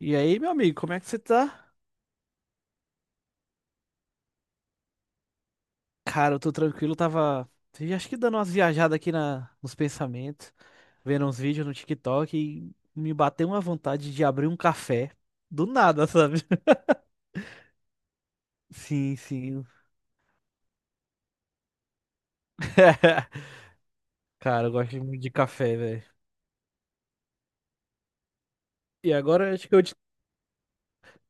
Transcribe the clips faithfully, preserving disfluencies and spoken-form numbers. E aí, meu amigo, como é que você tá? Cara, eu tô tranquilo, tava vi- acho que dando umas viajadas aqui na, nos pensamentos, vendo uns vídeos no TikTok e me bateu uma vontade de abrir um café do nada, sabe? Sim, sim. Cara, eu gosto muito de café, velho. E agora acho que eu, de-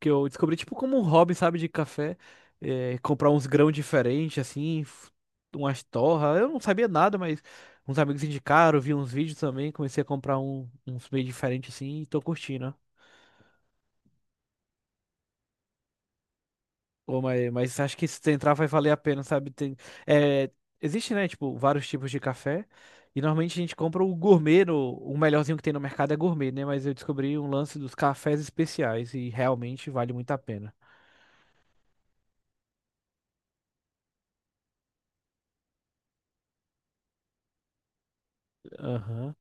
que eu descobri, tipo, como um hobby, sabe, de café, é, comprar uns grãos diferentes, assim, f- umas torras. Eu não sabia nada, mas uns amigos indicaram, vi uns vídeos também, comecei a comprar um- uns meio diferentes, assim, e tô curtindo. Pô, mas, mas acho que se tu entrar vai valer a pena, sabe? Tem, é, existe, né, tipo, vários tipos de café. E normalmente a gente compra o gourmet, no- o melhorzinho que tem no mercado é gourmet, né? Mas eu descobri um lance dos cafés especiais e realmente vale muito a pena. Aham.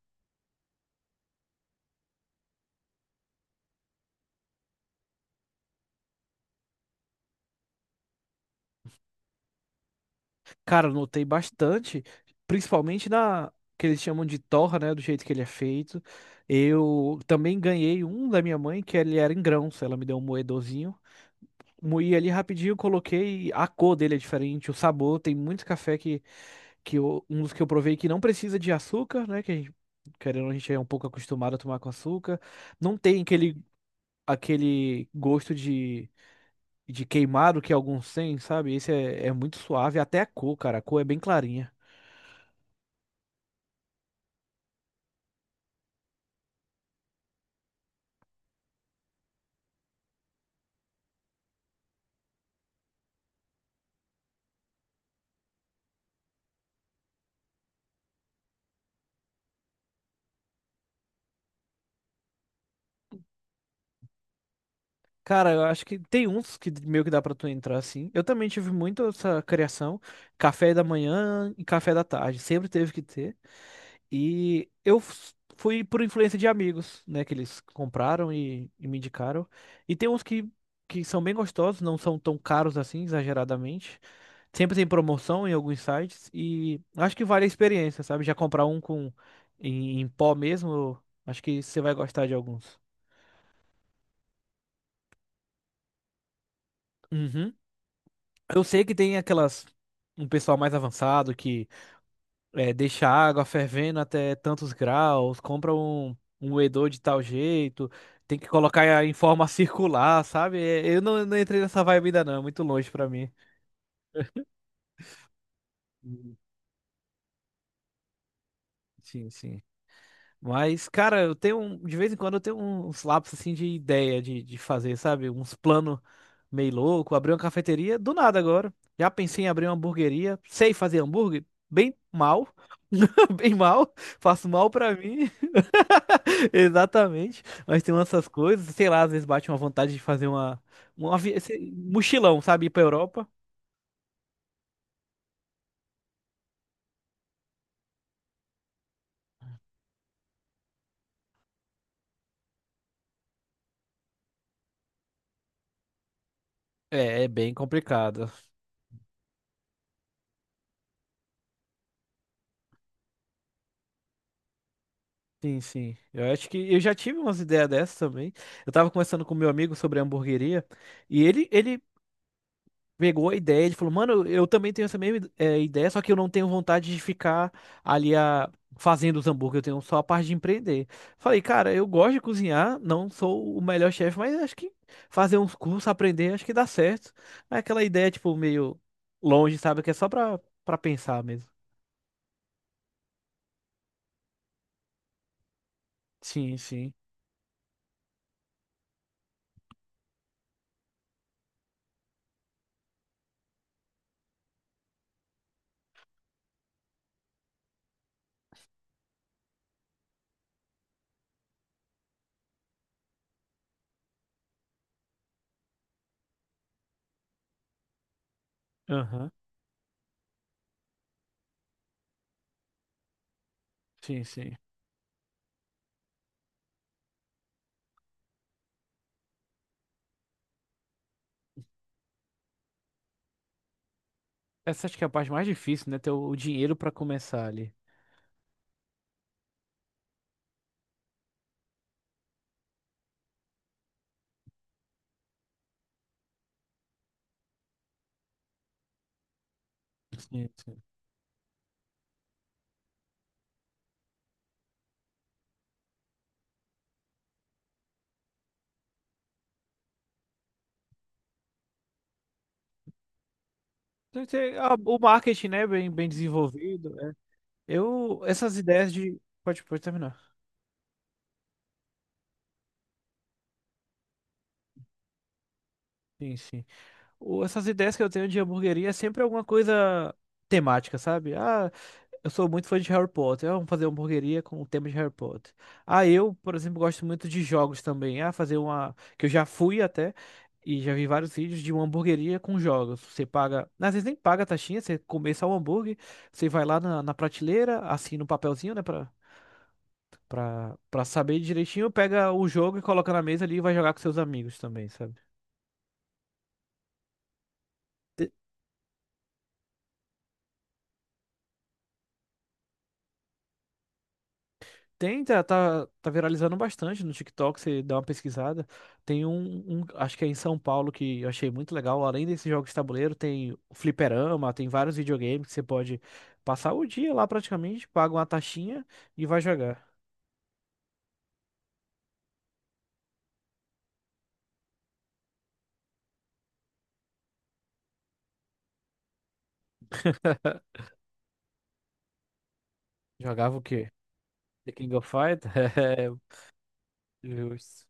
Cara, eu notei bastante, principalmente na que eles chamam de torra, né? Do jeito que ele é feito. Eu também ganhei um da minha mãe, que ele era em grãos. Ela me deu um moedorzinho. Moí ali rapidinho, coloquei. A cor dele é diferente, o sabor. Tem muito café que que eu- um dos que eu provei que não precisa de açúcar, né? Que a gente, querendo, ou não, a gente é um pouco acostumado a tomar com açúcar. Não tem aquele, aquele gosto de, de queimado que alguns têm, sabe? Esse é, é muito suave, até a cor, cara. A cor é bem clarinha. Cara, eu acho que tem uns que meio que dá pra tu entrar assim. Eu também tive muito essa criação, café da manhã e café da tarde, sempre teve que ter. E eu f- fui por influência de amigos, né, que eles compraram e, e me indicaram. E tem uns que, que são bem gostosos, não são tão caros assim, exageradamente. Sempre tem promoção em alguns sites e acho que vale a experiência, sabe? Já comprar um com em, em pó mesmo, acho que você vai gostar de alguns. Uhum. Eu sei que tem aquelas um pessoal mais avançado que é, deixa a água fervendo até tantos graus, compra um, um moedor de tal jeito, tem que colocar em forma circular, sabe? É, Eu não, não entrei nessa vibe ainda não, é muito longe pra mim. Hum. Sim, sim. Mas, cara, eu tenho, um- de vez em quando eu tenho uns lapsos assim de ideia de, de fazer, sabe? Uns planos meio louco, abrir uma cafeteria, do nada agora. Já pensei em abrir uma hamburgueria, sei fazer hambúrguer, bem mal, bem mal, faço mal pra mim. Exatamente, mas tem essas coisas, sei lá, às vezes bate uma vontade de fazer uma, uma vi- esse mochilão, sabe, ir pra Europa. É, é bem complicado. Sim, sim. Eu acho que eu já tive umas ideias dessas também. Eu tava conversando com meu amigo sobre a hamburgueria e ele, ele pegou a ideia, ele falou, mano, eu também tenho essa mesma eh, ideia, só que eu não tenho vontade de ficar ali a, fazendo os hambúrguer, eu tenho só a parte de empreender. Falei, cara, eu gosto de cozinhar, não sou o melhor chefe, mas acho que fazer uns cursos, aprender, acho que dá certo. É aquela ideia, tipo, meio longe, sabe, que é só pra, pra pensar mesmo. Sim, sim. Aham. Sim, sim. Essa acho que é a parte mais difícil, né? Ter o o dinheiro pra começar ali. Sim, sim. Tem que ter a- o marketing, né, bem, bem desenvolvido. Eu, essas ideias de. Pode, pode terminar. Sim, sim. O- essas ideias que eu tenho de hamburgueria é sempre alguma coisa temática, sabe? Ah, eu sou muito fã de Harry Potter. Ah, vamos fazer uma hamburgueria com o tema de Harry Potter. Ah, eu, por exemplo, gosto muito de jogos também. Ah, fazer uma. Que eu já fui até. E já vi vários vídeos de uma hamburgueria com jogos. Você paga. Às vezes nem paga a taxinha, você começa o hambúrguer, você vai lá na, na prateleira, assina um papelzinho, né? Pra, Pra, pra saber direitinho, pega o jogo e coloca na mesa ali e vai jogar com seus amigos também, sabe? Te- Tem, tá, tá, tá viralizando bastante no TikTok, você dá uma pesquisada. Tem um, um, acho que é em São Paulo, que eu achei muito legal. Além desses jogos de tabuleiro, tem o fliperama, tem vários videogames que você pode passar o dia lá praticamente, paga uma taxinha e vai jogar. Jogava o quê? The King of Fighters? É, justo.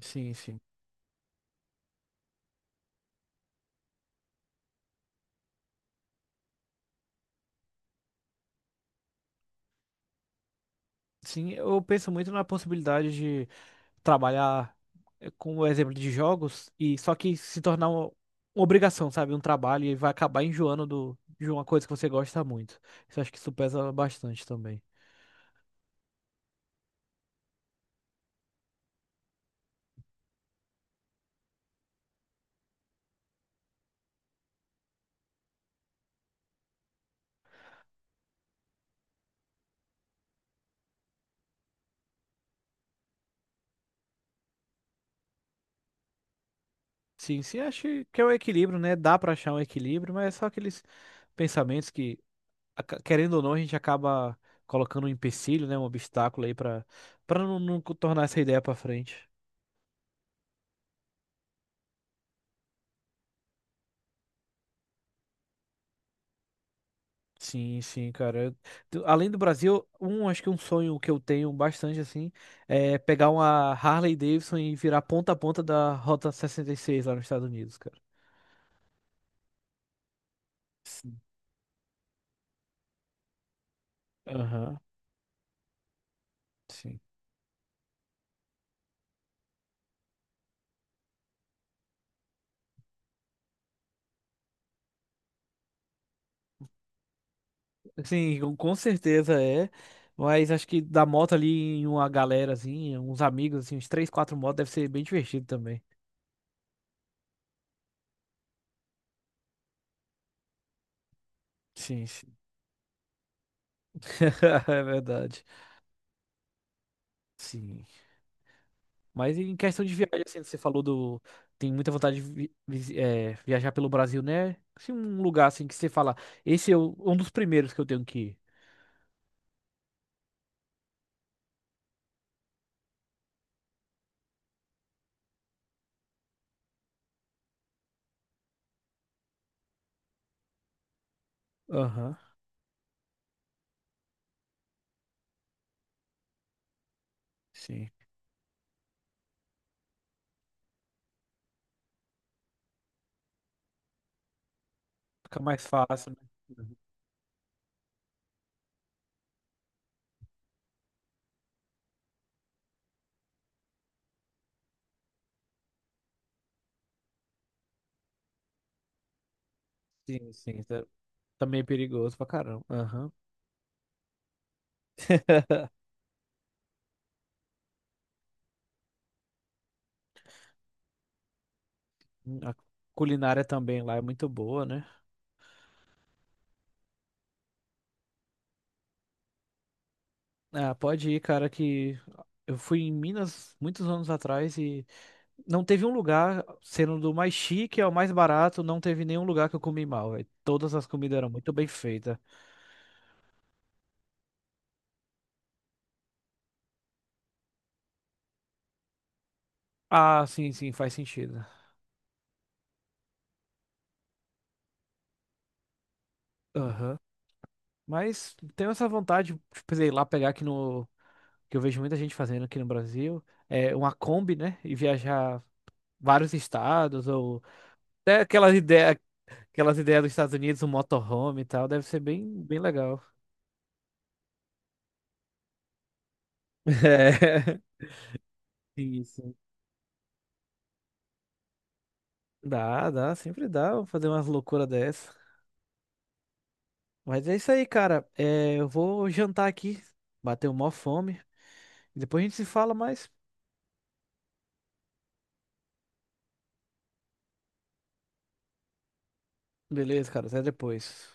Sim, sim. Sim, eu penso muito na possibilidade trabalhar eh, com o exemplo de jogos e só que se tornar uma, uma obrigação, sabe? Um trabalho e vai acabar enjoando do, de uma coisa que você gosta muito. Isso acho que isso pesa bastante também. Sim, sim, acho que é um equilíbrio, né? Dá pra achar um equilíbrio, mas é só aqueles pensamentos que, aca- querendo ou não, a gente acaba colocando um empecilho, né? Um obstáculo aí pra para não, não tornar essa ideia pra frente. Sim, sim, cara. Eu- tu- Além do Brasil, um, acho que um sonho que eu tenho bastante, assim, é pegar uma Harley Davidson e virar ponta a ponta da Rota sessenta e seis lá nos Estados Unidos, cara. Sim. Aham, sim. Sim, com com certeza é. Mas acho que da moto ali em uma galera, assim, uns amigos, assim, uns três, quatro motos, deve ser bem divertido também. Sim, sim. É verdade. Sim. Mas em questão de viagem, assim, você falou do. Tem muita vontade de vi- visi- eh, viajar pelo Brasil, né? Se um lugar assim que você fala, esse é o- um dos primeiros que eu tenho que ir. Aham, sim. Fica mais fácil, né? Uhum. Sim, sim. tá- Também é perigoso pra caramba. Aham. Hum, a culinária também lá é muito boa, né? Ah, pode ir, cara, que eu fui em Minas muitos anos atrás e não teve um lugar, sendo do mais chique ao mais barato, não teve nenhum lugar que eu comi mal, velho. Todas as comidas eram muito bem feitas. Ah, sim, sim, faz sentido. Aham. Mas tenho essa vontade, tipo, sei lá, pegar aqui no. Que eu vejo muita gente fazendo aqui no Brasil. É uma Kombi, né? E viajar vários estados, ou. Até aquelas ideias, aquelas ideias dos Estados Unidos, um motorhome e tal. Deve ser bem, bem legal. É, isso. Dá, dá, sempre dá. Vou fazer umas loucuras dessas. Mas é isso aí, cara. É, eu vou jantar aqui. Bateu mó fome. Depois a gente se fala mais. Beleza, cara. Até depois.